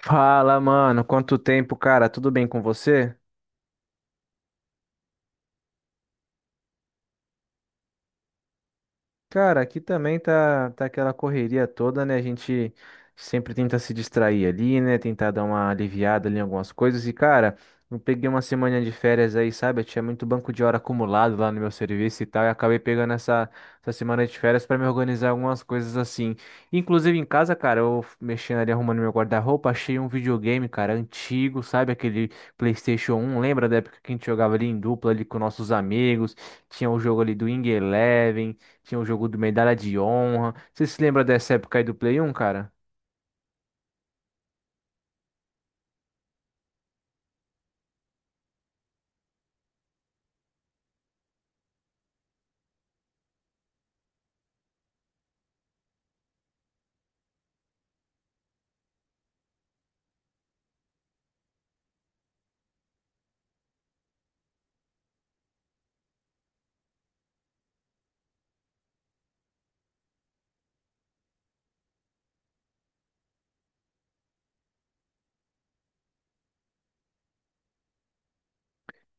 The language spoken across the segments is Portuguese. Fala, mano. Quanto tempo, cara? Tudo bem com você? Cara, aqui também tá aquela correria toda, né? A gente sempre tenta se distrair ali, né? Tentar dar uma aliviada ali em algumas coisas. E, cara, eu peguei uma semana de férias aí, sabe? Eu tinha muito banco de hora acumulado lá no meu serviço e tal. E acabei pegando essa semana de férias pra me organizar algumas coisas assim. Inclusive em casa, cara, eu mexendo ali, arrumando meu guarda-roupa, achei um videogame, cara, antigo, sabe? Aquele PlayStation um. Lembra da época que a gente jogava ali em dupla ali com nossos amigos? Tinha o jogo ali do Wing Eleven. Tinha o jogo do Medalha de Honra. Você se lembra dessa época aí do Play 1, cara?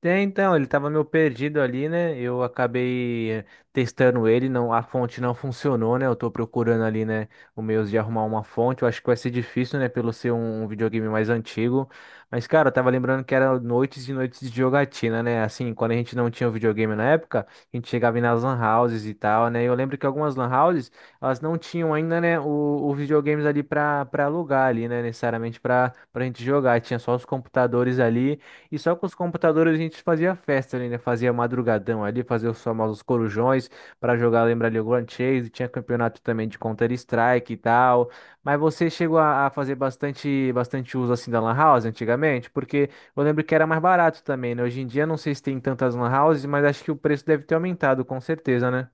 É, então, ele tava meio perdido ali, né? Eu acabei testando ele, não, a fonte não funcionou, né? Eu tô procurando ali, né, o meios de arrumar uma fonte. Eu acho que vai ser difícil, né, pelo ser um videogame mais antigo. Mas, cara, eu tava lembrando que era noites e noites de jogatina, né? Assim, quando a gente não tinha o videogame na época, a gente chegava aí nas lan houses e tal, né? Eu lembro que algumas lan houses, elas não tinham ainda, né, os videogames ali pra alugar ali, né? Necessariamente pra gente jogar. Tinha só os computadores ali. E só com os computadores a gente fazia festa ali, né? Fazia madrugadão ali, fazia os famosos corujões para jogar, lembra ali o Grand Chase, tinha campeonato também de Counter-Strike e tal. Mas você chegou a fazer bastante uso assim da Lan House antigamente? Porque eu lembro que era mais barato também, né? Hoje em dia não sei se tem tantas Lan Houses, mas acho que o preço deve ter aumentado, com certeza, né?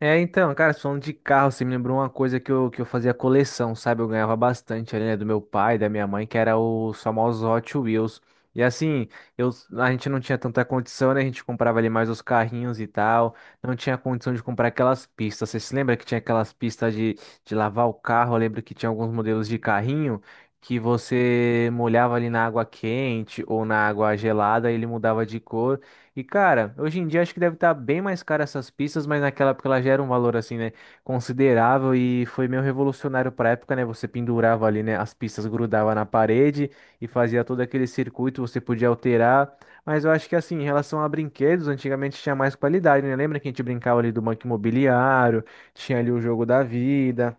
É, então, cara, falando de carro, você me lembrou uma coisa que eu fazia coleção, sabe? Eu ganhava bastante ali, né, do meu pai, da minha mãe, que era os famosos Hot Wheels. E assim, eu, a gente não tinha tanta condição, né? A gente comprava ali mais os carrinhos e tal. Não tinha condição de comprar aquelas pistas. Você se lembra que tinha aquelas pistas de lavar o carro? Eu lembro que tinha alguns modelos de carrinho que você molhava ali na água quente ou na água gelada e ele mudava de cor. E, cara, hoje em dia acho que deve estar bem mais caro essas pistas, mas naquela época ela já era um valor, assim, né, considerável e foi meio revolucionário pra época, né? Você pendurava ali, né, as pistas grudava na parede e fazia todo aquele circuito, você podia alterar. Mas eu acho que, assim, em relação a brinquedos, antigamente tinha mais qualidade, né? Lembra que a gente brincava ali do Banco Imobiliário, tinha ali o Jogo da Vida.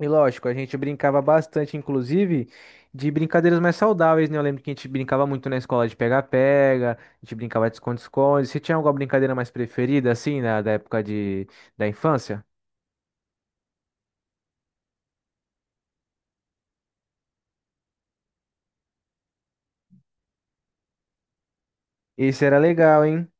E lógico, a gente brincava bastante, inclusive, de brincadeiras mais saudáveis, né? Eu lembro que a gente brincava muito na escola de pega-pega, a gente brincava de esconde-esconde. Você tinha alguma brincadeira mais preferida, assim, na, da época de, da infância? Esse era legal, hein?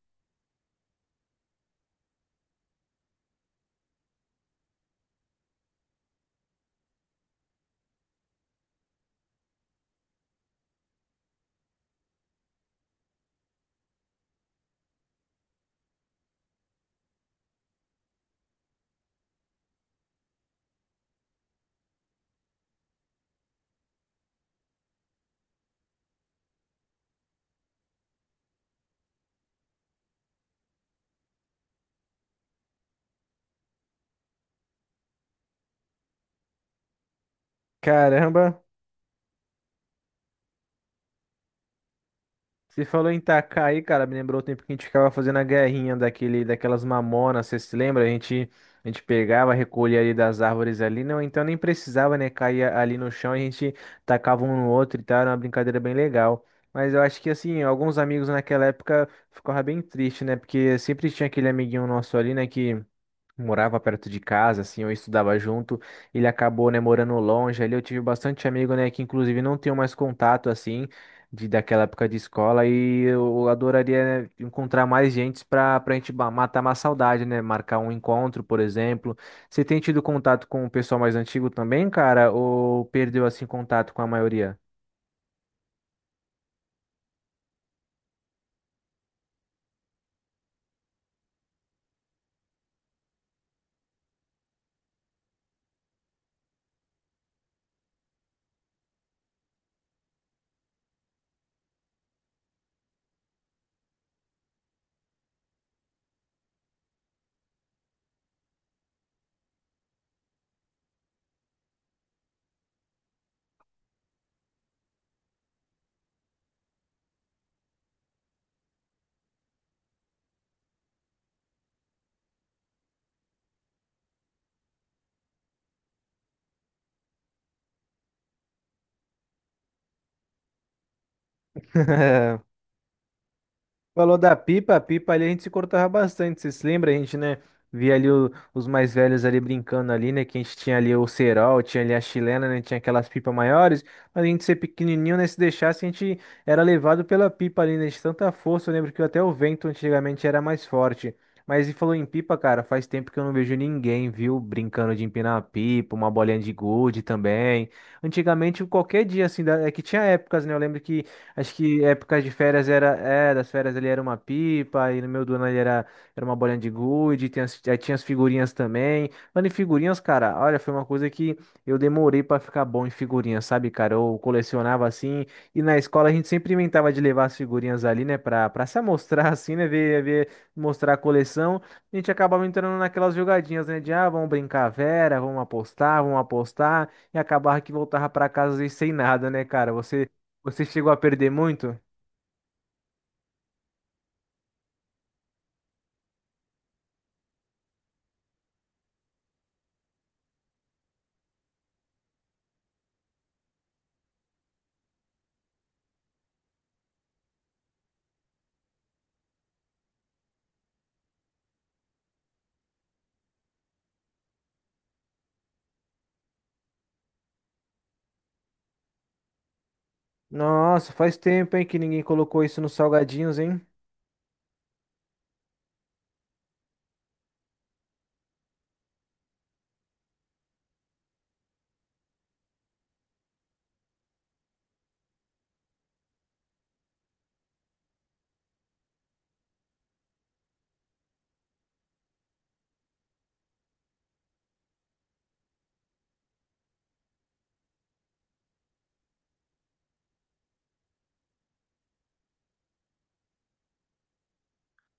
Caramba! Você falou em tacar aí, cara, me lembrou o tempo que a gente ficava fazendo a guerrinha daquele, daquelas mamonas, você se lembra? A gente pegava, recolhia ali das árvores ali, não, então nem precisava, né, cair ali no chão, a gente tacava um no outro e tal, era uma brincadeira bem legal. Mas eu acho que, assim, alguns amigos naquela época ficavam bem tristes, né, porque sempre tinha aquele amiguinho nosso ali, né, que morava perto de casa, assim, eu estudava junto, ele acabou, né, morando longe, ali eu tive bastante amigo, né, que inclusive não tenho mais contato, assim, de, daquela época de escola, e eu adoraria, né, encontrar mais gente pra gente matar uma saudade, né, marcar um encontro, por exemplo. Você tem tido contato com o pessoal mais antigo também, cara, ou perdeu, assim, contato com a maioria? Falou da pipa, a pipa ali a gente se cortava bastante, vocês lembram? A gente, né, via ali os mais velhos ali brincando ali, né, que a gente tinha ali o cerol, tinha ali a chilena, né, tinha aquelas pipas maiores, mas a gente ser pequenininho, né, se deixasse a gente era levado pela pipa ali, né, de tanta força, eu lembro que até o vento antigamente era mais forte. Mas e falou em pipa, cara, faz tempo que eu não vejo ninguém, viu, brincando de empinar a pipa, uma bolinha de gude também. Antigamente, qualquer dia, assim, é que tinha épocas, né, eu lembro que acho que época de férias das férias ali era uma pipa, e no meu do ano ali era uma bolinha de gude, tinha, aí tinha as figurinhas também. Mano, e figurinhas, cara, olha, foi uma coisa que eu demorei pra ficar bom em figurinhas, sabe, cara? Eu colecionava assim, e na escola a gente sempre inventava de levar as figurinhas ali, né, pra se amostrar assim, né, ver, mostrar a coleção. A gente acabava entrando naquelas jogadinhas, né, de, ah, vamos brincar, Vera, vamos apostar, e acabava que voltava pra casa às vezes sem nada, né, cara? Você. Você chegou a perder muito? Nossa, faz tempo, hein, que ninguém colocou isso nos salgadinhos, hein?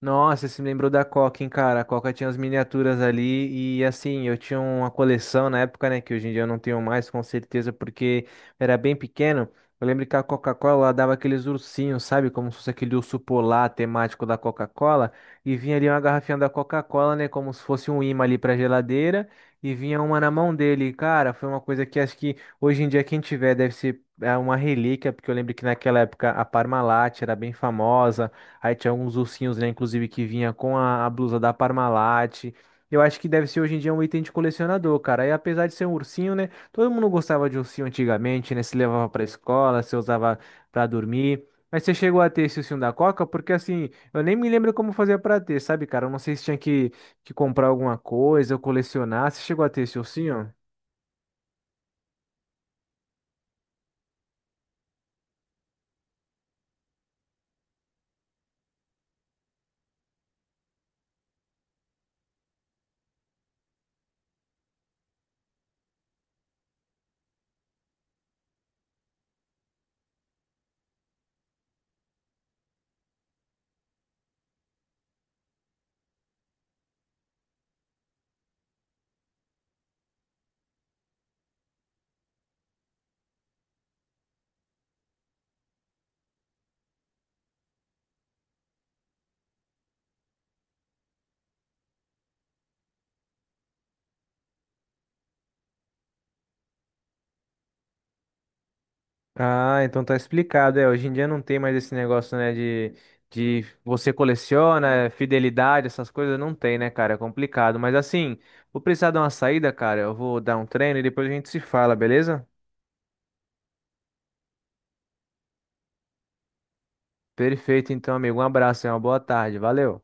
Nossa, você me lembrou da Coca, hein, cara? A Coca tinha as miniaturas ali e assim, eu tinha uma coleção na época, né, que hoje em dia eu não tenho mais, com certeza, porque era bem pequeno. Eu lembro que a Coca-Cola ela dava aqueles ursinhos, sabe? Como se fosse aquele urso polar temático da Coca-Cola. E vinha ali uma garrafinha da Coca-Cola, né? Como se fosse um imã ali pra geladeira. E vinha uma na mão dele. E, cara, foi uma coisa que acho que hoje em dia quem tiver deve ser é, uma relíquia, porque eu lembro que naquela época a Parmalat era bem famosa. Aí tinha alguns ursinhos, né? Inclusive que vinha com a blusa da Parmalat. Eu acho que deve ser hoje em dia um item de colecionador, cara. E apesar de ser um ursinho, né? Todo mundo gostava de ursinho antigamente, né? Se levava pra escola, se usava pra dormir. Mas você chegou a ter esse ursinho da Coca? Porque assim, eu nem me lembro como fazia pra ter, sabe, cara? Eu não sei se tinha que comprar alguma coisa ou colecionar. Você chegou a ter esse ursinho? Ah, então tá explicado. É, hoje em dia não tem mais esse negócio, né, de você coleciona, é, fidelidade, essas coisas não tem, né, cara? É complicado. Mas assim, vou precisar dar uma saída, cara. Eu vou dar um treino e depois a gente se fala, beleza? Perfeito, então, amigo. Um abraço e uma boa tarde. Valeu.